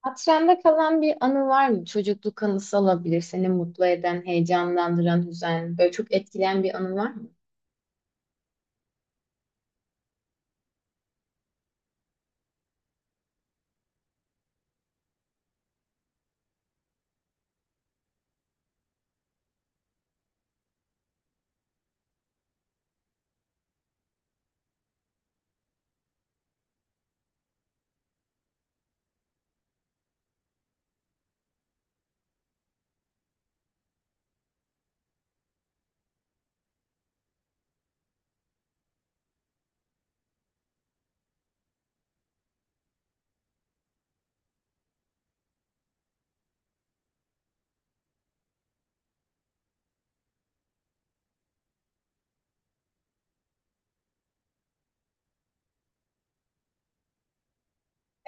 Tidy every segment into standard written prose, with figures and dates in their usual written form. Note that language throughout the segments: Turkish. Hatırında kalan bir anı var mı? Çocukluk anısı olabilir. Seni mutlu eden, heyecanlandıran, üzen, böyle çok etkileyen bir anı var mı?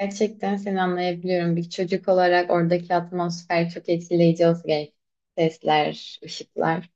Gerçekten seni anlayabiliyorum. Bir çocuk olarak oradaki atmosfer çok etkileyici olsa gerek. Sesler, ışıklar.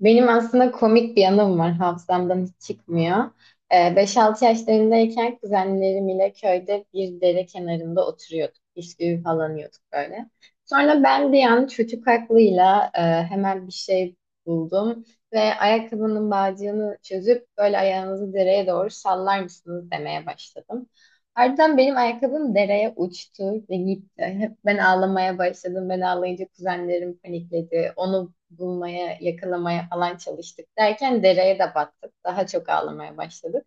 Benim aslında komik bir yanım var. Hafızamdan hiç çıkmıyor. 5-6 yaşlarındayken kuzenlerim ile köyde bir dere kenarında oturuyorduk. Bisküvi falan yiyorduk böyle. Sonra ben de yani çocuk aklıyla hemen bir şey buldum. Ve ayakkabının bağcığını çözüp böyle ayağınızı dereye doğru sallar mısınız demeye başladım. Ardından benim ayakkabım dereye uçtu ve gitti. Hep ben ağlamaya başladım. Ben ağlayınca kuzenlerim panikledi. Onu bulmaya, yakalamaya falan çalıştık derken dereye de battık. Daha çok ağlamaya başladık.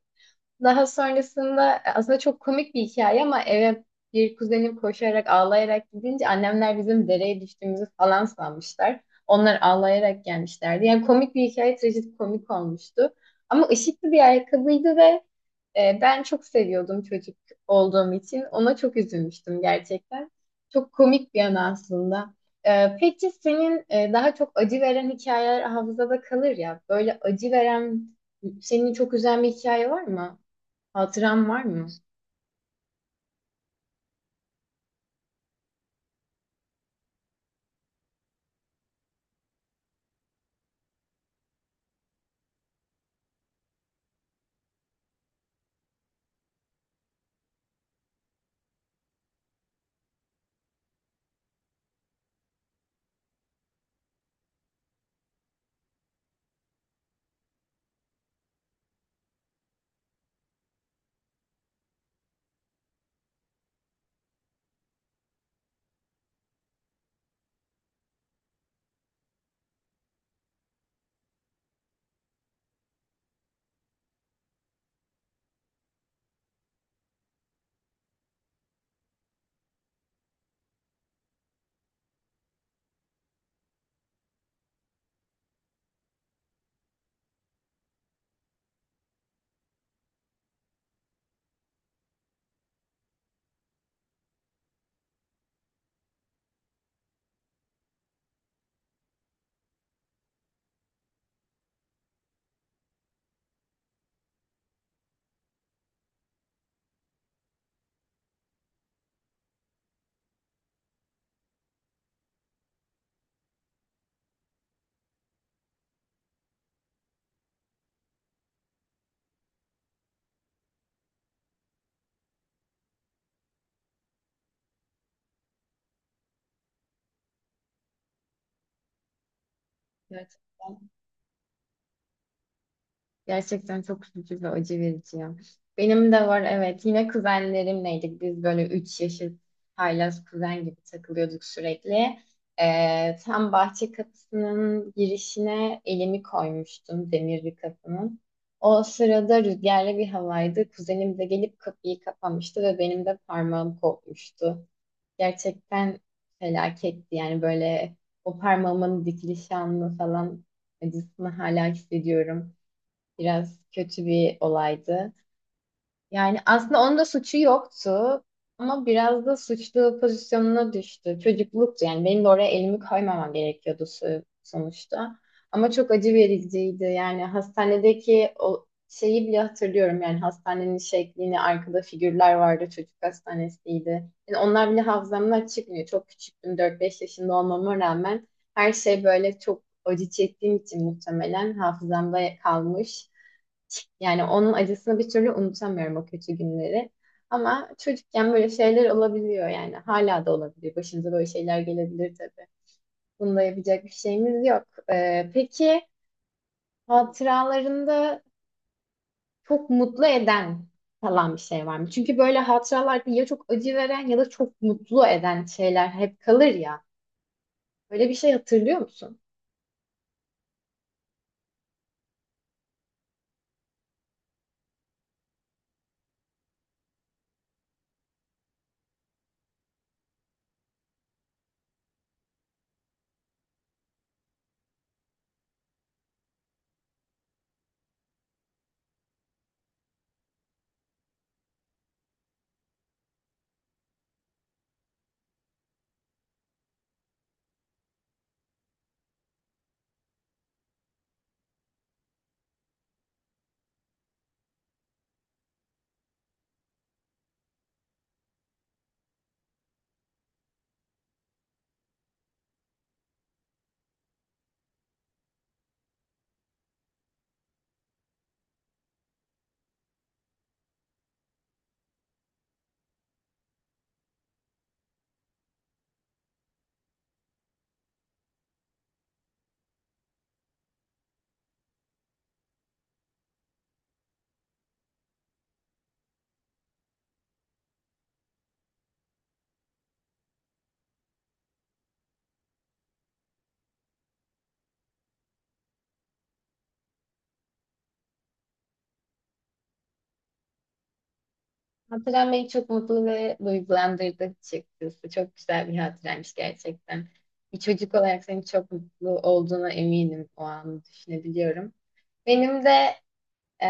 Daha sonrasında aslında çok komik bir hikaye ama eve bir kuzenim koşarak ağlayarak gidince annemler bizim dereye düştüğümüzü falan sanmışlar. Onlar ağlayarak gelmişlerdi. Yani komik bir hikaye komik olmuştu. Ama ışıklı bir ayakkabıydı ve ben çok seviyordum çocuk olduğum için. Ona çok üzülmüştüm gerçekten. Çok komik bir an aslında. Peki senin daha çok acı veren hikayeler hafızada kalır ya. Böyle acı veren, seni çok üzen bir hikaye var mı? Hatıram var mı? Gerçekten, gerçekten çok üzücü ve acı verici ya. Benim de var, evet. Yine kuzenlerimleydik. Biz böyle 3 yaşlı haylaz kuzen gibi takılıyorduk sürekli. Tam bahçe kapısının girişine elimi koymuştum demir bir kapının. O sırada rüzgarlı bir havaydı. Kuzenim de gelip kapıyı kapamıştı ve benim de parmağım kopmuştu. Gerçekten felaketti. Yani böyle o parmağımın dikiliş anını falan acısını hala hissediyorum. Biraz kötü bir olaydı. Yani aslında onun da suçu yoktu ama biraz da suçlu pozisyonuna düştü. Çocukluktu, yani benim de oraya elimi koymamam gerekiyordu sonuçta. Ama çok acı vericiydi, yani hastanedeki o şeyi bile hatırlıyorum, yani hastanenin şeklini, arkada figürler vardı, çocuk hastanesiydi. Yani onlar bile hafızamdan çıkmıyor. Çok küçüktüm, dört beş yaşında olmama rağmen her şey böyle çok acı çektiğim için muhtemelen hafızamda kalmış. Yani onun acısını bir türlü unutamıyorum, o kötü günleri. Ama çocukken böyle şeyler olabiliyor yani. Hala da olabilir. Başımıza böyle şeyler gelebilir tabii. Bunda yapacak bir şeyimiz yok. Peki hatıralarında çok mutlu eden falan bir şey var mı? Çünkü böyle hatıralarda ya çok acı veren ya da çok mutlu eden şeyler hep kalır ya. Böyle bir şey hatırlıyor musun? Hatıran beni çok mutlu ve duygulandırdı açıkçası. Çok güzel bir hatıraymış gerçekten. Bir çocuk olarak senin çok mutlu olduğuna eminim, o anı düşünebiliyorum. Benim de ee,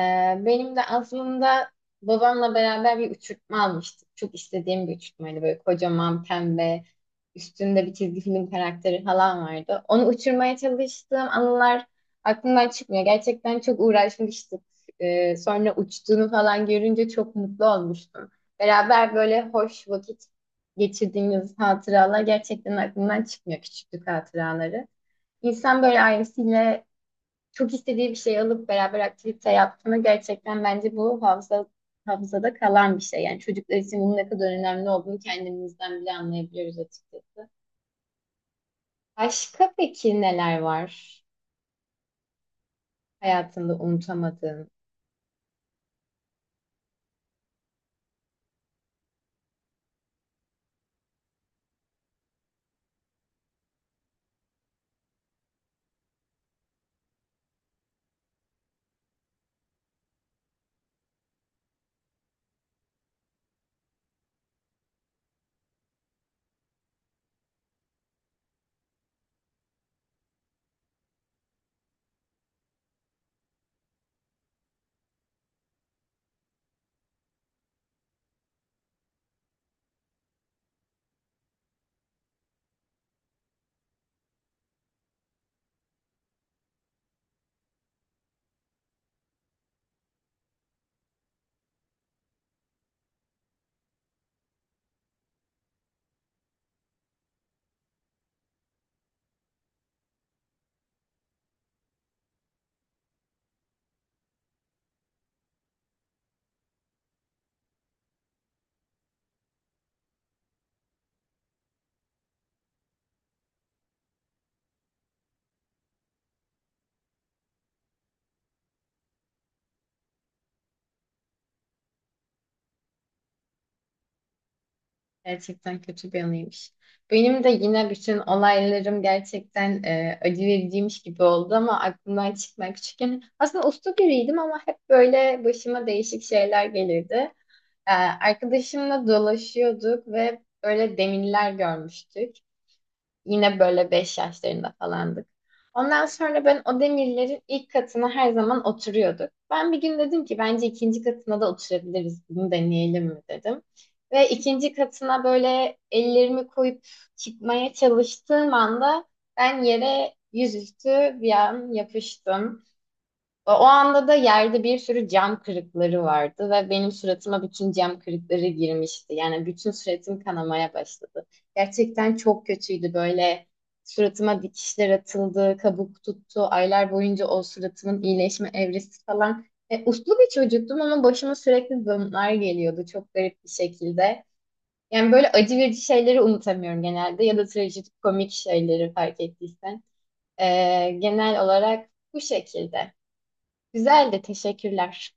benim de aslında babamla beraber bir uçurtma almıştık. Çok istediğim bir uçurtmaydı. Böyle kocaman pembe, üstünde bir çizgi film karakteri falan vardı. Onu uçurmaya çalıştığım anılar aklımdan çıkmıyor. Gerçekten çok uğraşmıştık. Sonra uçtuğunu falan görünce çok mutlu olmuştum. Beraber böyle hoş vakit geçirdiğimiz hatıralar gerçekten aklımdan çıkmıyor, küçüklük hatıraları. İnsan böyle ailesiyle çok istediği bir şey alıp beraber aktivite yaptığını, gerçekten bence bu hafıza, hafızada kalan bir şey. Yani çocuklar için bunun ne kadar önemli olduğunu kendimizden bile anlayabiliyoruz açıkçası. Başka peki neler var hayatında unutamadığın? Gerçekten kötü bir anıymış. Benim de yine bütün olaylarım gerçekten acı vericiymiş gibi oldu ama aklımdan çıkmayan, küçükken aslında uslu biriydim ama hep böyle başıma değişik şeyler gelirdi. Arkadaşımla dolaşıyorduk ve böyle demirler görmüştük. Yine böyle 5 yaşlarında falandık. Ondan sonra ben o demirlerin ilk katına her zaman oturuyorduk. Ben bir gün dedim ki bence ikinci katına da oturabiliriz. Bunu deneyelim mi dedim. Ve ikinci katına böyle ellerimi koyup çıkmaya çalıştığım anda ben yere yüzüstü bir an yapıştım. O anda da yerde bir sürü cam kırıkları vardı ve benim suratıma bütün cam kırıkları girmişti. Yani bütün suratım kanamaya başladı. Gerçekten çok kötüydü böyle. Suratıma dikişler atıldı, kabuk tuttu. Aylar boyunca o suratımın iyileşme evresi falan. Uslu bir çocuktum ama başıma sürekli bunlar geliyordu, çok garip bir şekilde. Yani böyle acı verici şeyleri unutamıyorum genelde ya da trajikomik, komik şeyleri, fark ettiysen. E, genel olarak bu şekilde. Güzeldi, teşekkürler.